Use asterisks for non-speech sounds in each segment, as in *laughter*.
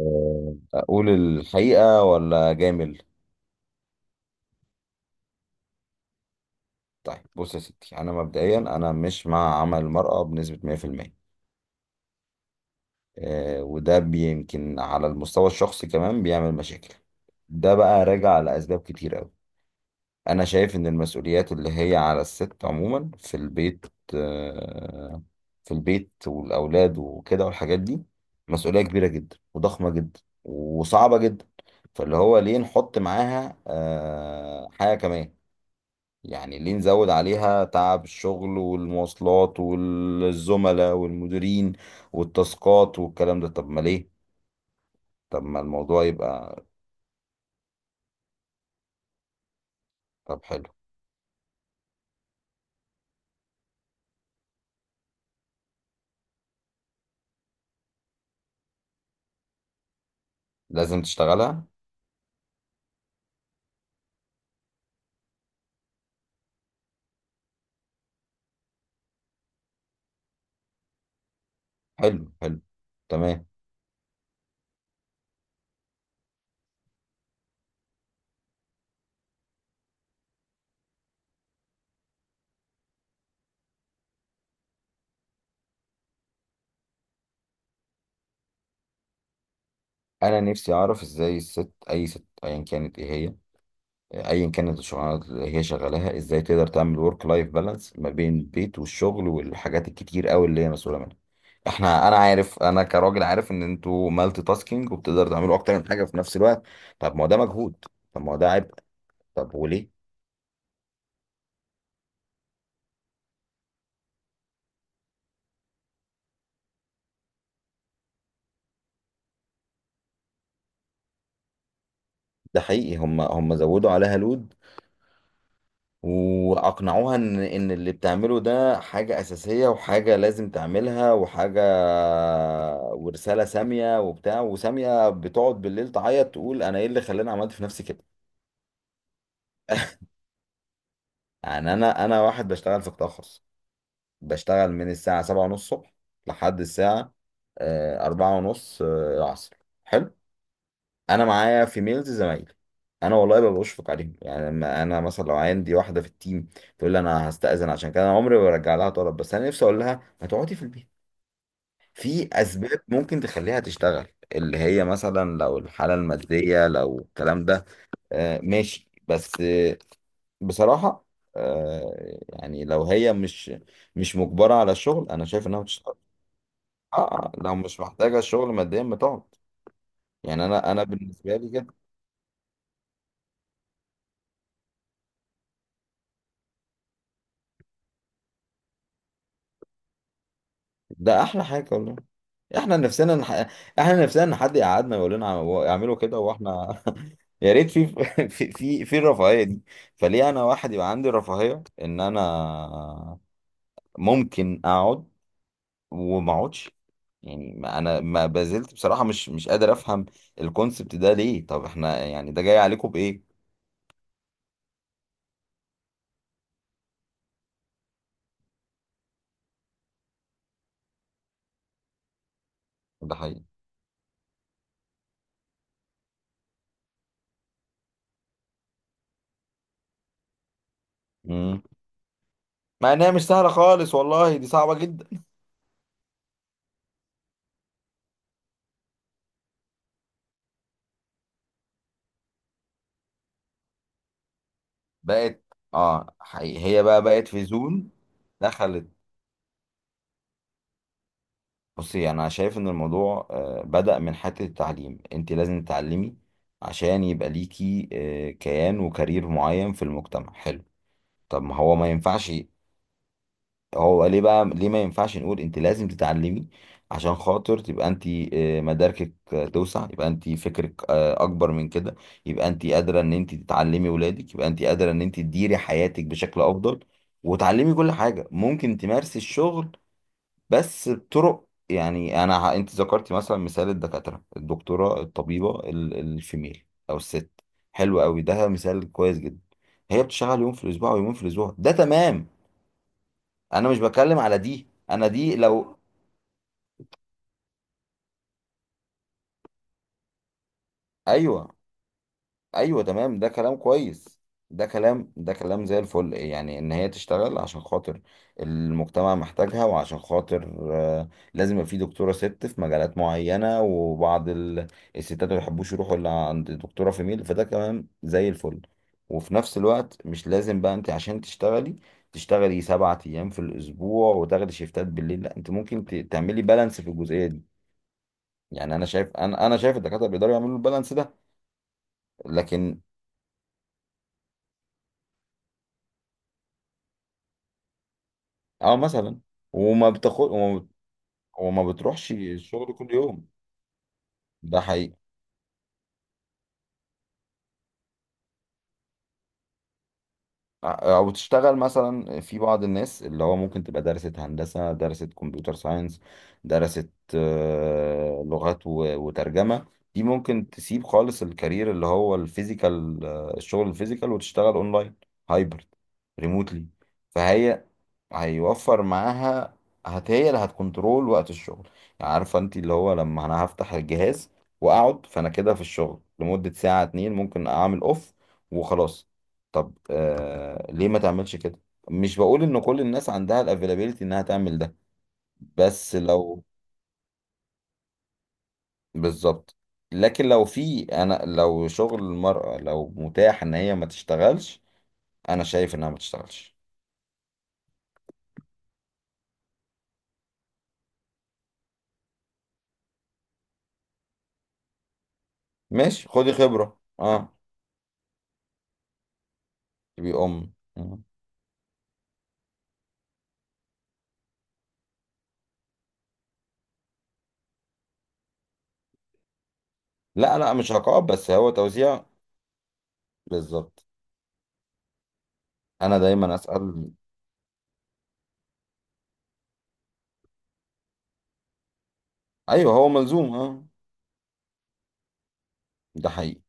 اقول الحقيقه ولا جامل؟ طيب بص يا ستي، انا مبدئيا انا مش مع عمل المراه بنسبه 100%. وده يمكن على المستوى الشخصي كمان بيعمل مشاكل. ده بقى راجع لاسباب كتير قوي. انا شايف ان المسؤوليات اللي هي على الست عموما في البيت، آه، في البيت والاولاد وكده والحاجات دي مسؤوليه كبيره جدا وضخمه جدا وصعبه جدا. فاللي هو ليه نحط معاها حاجه كمان؟ يعني ليه نزود عليها تعب الشغل والمواصلات والزملاء والمديرين والتاسكات والكلام ده؟ طب ما ليه؟ طب ما الموضوع يبقى. طب حلو، لازم تشتغلها. حلو حلو. تمام. انا نفسي اعرف ازاي الست، اي ست ايا كانت ايه هي، ايا كانت الشغلانه اللي هي شغالاها، ازاي تقدر تعمل ورك لايف بالانس ما بين البيت والشغل والحاجات الكتير قوي اللي هي مسؤوله منها. احنا، انا عارف انا كراجل عارف ان انتوا مالتي تاسكينج وبتقدروا تعملوا اكتر من حاجه في نفس الوقت. طب ما هو ده مجهود، طب ما هو ده عبء، طب وليه؟ ده حقيقي، هم زودوا عليها لود واقنعوها ان اللي بتعمله ده حاجه اساسيه وحاجه لازم تعملها وحاجه ورساله ساميه وبتاع، وساميه بتقعد بالليل تعيط تقول انا ايه اللي خلاني عملت في نفسي كده. يعني انا واحد بشتغل في قطاع خاص، بشتغل من الساعه 7:30 الصبح لحد الساعه 4:30 العصر. حلو. انا معايا في ميلز زمايلي، انا والله ببقى بشفق عليهم. يعني لما انا مثلا لو عندي واحده في التيم تقول لي انا هستأذن عشان كده انا عمري ما برجع لها طلب، بس انا نفسي اقول لها ما تقعدي في البيت. في اسباب ممكن تخليها تشتغل، اللي هي مثلا لو الحاله الماديه، لو الكلام ده ماشي. بس بصراحة، يعني لو هي مش مجبرة على الشغل أنا شايف إنها بتشتغل. آه، لو مش محتاجة الشغل ماديا بتقعد. يعني أنا بالنسبة لي كده. ده أحلى حاجة والله. إحنا إحنا نفسنا إن حد يقعدنا يقول لنا اعملوا كده وإحنا، *laughs* يا ريت *laughs* في الرفاهية دي. فليه أنا واحد يبقى عندي الرفاهية إن أنا ممكن أقعد وما أقعدش؟ يعني ما انا ما بازلت بصراحة مش قادر افهم الكونسبت ده. ليه؟ طب احنا يعني ده جاي عليكم بايه؟ ده حقيقي. مم. مع انها مش سهلة خالص، والله دي صعبة جدا. بقت، اه حقيقي هي بقت في زون. دخلت. بصي، انا شايف ان الموضوع بدأ من حتة التعليم. انت لازم تتعلمي عشان يبقى ليكي كيان وكارير معين في المجتمع. حلو، طب ما هو ما ينفعش، هو ليه ما ينفعش نقول انت لازم تتعلمي عشان خاطر تبقى انت مداركك توسع، يبقى انت فكرك اكبر من كده، يبقى انت قادره ان انت تتعلمي ولادك، يبقى انت قادره ان انت تديري حياتك بشكل افضل وتعلمي كل حاجه، ممكن تمارسي الشغل بس بطرق. يعني انا انت ذكرتي مثلا مثال الدكاتره، الدكتوره الطبيبه، الفيميل او الست، حلو قوي ده مثال كويس جدا. هي بتشتغل يوم في الاسبوع ويومين في الاسبوع، ده تمام. انا مش بتكلم على دي، انا دي لو، ايوه ايوه تمام، ده كلام كويس. ده كلام زي الفل، يعني ان هي تشتغل عشان خاطر المجتمع محتاجها، وعشان خاطر لازم يبقى في دكتوره ست في مجالات معينه، وبعض الستات ما بيحبوش يروحوا الا عند دكتوره في ميل، فده كلام زي الفل. وفي نفس الوقت مش لازم بقى انت عشان تشتغلي تشتغلي سبعة ايام في الاسبوع وتاخدي شيفتات بالليل، لا انت ممكن تعملي بالانس في الجزئيه دي. يعني انا شايف الدكاتره بيقدروا يعملوا البالانس ده. لكن اه مثلا، وما بتاخد وما بت- وما بتروحش الشغل كل يوم. ده حقيقي. او تشتغل مثلا. في بعض الناس اللي هو ممكن تبقى درست هندسه، درست كمبيوتر ساينس، درست لغات وترجمه، دي ممكن تسيب خالص الكارير اللي هو الفيزيكال، الشغل الفيزيكال، وتشتغل اونلاين، هايبرد، ريموتلي. فهي هيوفر معاها. هي اللي هتكنترول وقت الشغل. يعني عارفه انت اللي هو لما انا هفتح الجهاز واقعد، فانا كده في الشغل لمده ساعه اتنين ممكن اعمل اوف وخلاص. طب آه ليه ما تعملش كده؟ مش بقول ان كل الناس عندها الافيلابيلتي انها تعمل ده، بس لو، بالظبط، لكن لو في، انا لو شغل المرأة لو متاح ان هي ما تشتغلش انا شايف انها ما تشتغلش. ماشي، خدي خبرة، اه. تبقي ام. لا لا، مش عقاب، بس هو توزيع. بالظبط. انا دايما اسال. ايوه، هو ملزوم اه. ده حقيقي.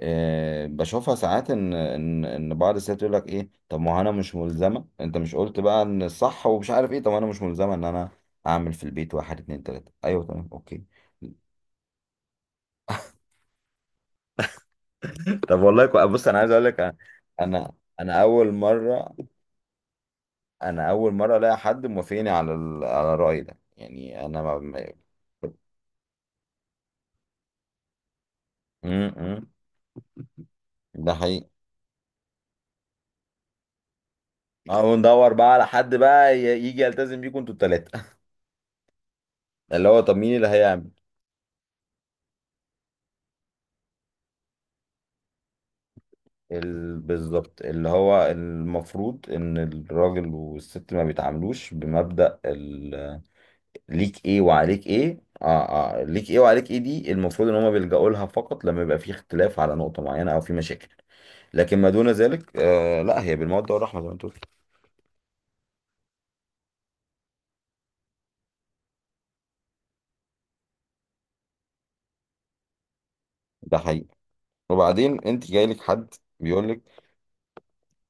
أه، بشوفها ساعات ان ان بعض الستات يقول لك ايه، طب ما هو انا مش ملزمه، انت مش قلت بقى ان الصح ومش عارف ايه، طب انا مش ملزمه ان انا اعمل في البيت واحد اتنين تلاته، ايوه تمام اوكي. طب والله بص انا عايز اقول لك انا، انا أنا اول مره، انا اول مره الاقي حد موافقني على على الراي ده. يعني انا م- م. ده حقيقي. اهو ندور بقى على حد بقى يجي يلتزم بيكم انتوا التلاتة. *laughs* اللي هو طب مين اللي هيعمل، بالظبط. اللي هو المفروض ان الراجل والست ما بيتعاملوش بمبدأ ليك ايه وعليك ايه. اه ليك ايه وعليك ايه دي المفروض ان هما بيلجأوا لها فقط لما يبقى في اختلاف على نقطة معينة او في مشاكل، لكن ما دون ذلك آه لا، هي بالمودة والرحمة زي ما انت قلت. ده حقيقي. وبعدين انت جاي لك حد بيقول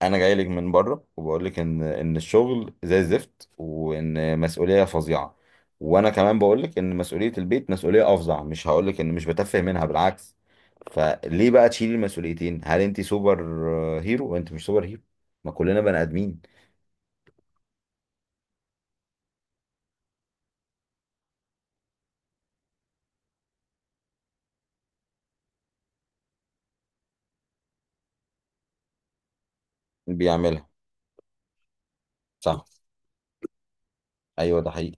انا جاي لك من بره وبقول لك ان الشغل زي الزفت وان مسؤوليه فظيعه، وانا كمان بقول لك ان مسؤوليه البيت مسؤوليه افظع، مش هقول لك ان مش بتفه منها، بالعكس. فليه بقى تشيلي المسؤوليتين؟ هل انت سوبر هيرو؟ وانت مش سوبر هيرو، ما كلنا بني ادمين. بيعملها، صح. ايوه ده حقيقي.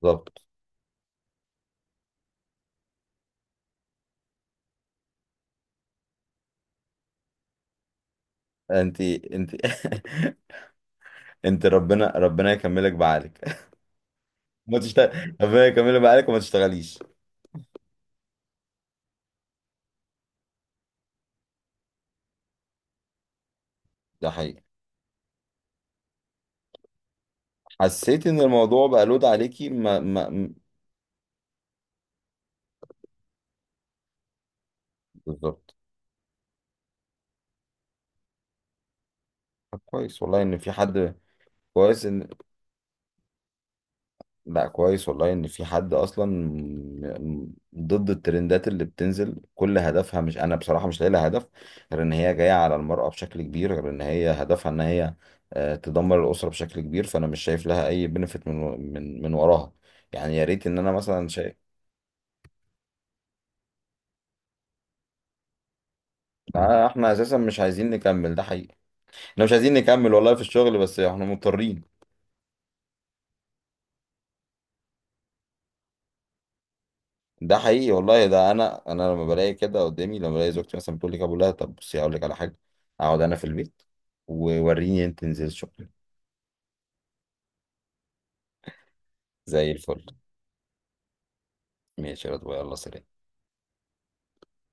بالظبط. انت *laughs* انت ربنا، ربنا يكملك بعقلك. *laughs* ما تشتغل ربنا يكملك بعقلك وما تشتغليش. ده حقيقي. حسيت ان الموضوع بقى لود عليكي، ما، بالظبط. طب كويس والله ان في حد، كويس ان، لا كويس والله ان في حد اصلا ضد الترندات اللي بتنزل، كل هدفها، مش انا بصراحة مش لاقي لها هدف غير ان هي جاية على المرأة بشكل كبير، غير ان هي هدفها ان هي تدمر الأسرة بشكل كبير. فانا مش شايف لها اي بنفيت من من وراها، يعني. يا ريت ان انا مثلا شايف، احنا اساسا مش عايزين نكمل. ده حقيقي، احنا مش عايزين نكمل والله في الشغل بس احنا مضطرين. ده حقيقي والله. ده انا، انا لما بلاقي كده قدامي، لما بلاقي زوجتي مثلا بتقول لي ابو الله، طب بصي هقول لك على حاجه، اقعد انا في البيت ووريني انت تنزل شغل. زي الفل. ماشي يا رضوى، يلا سلام.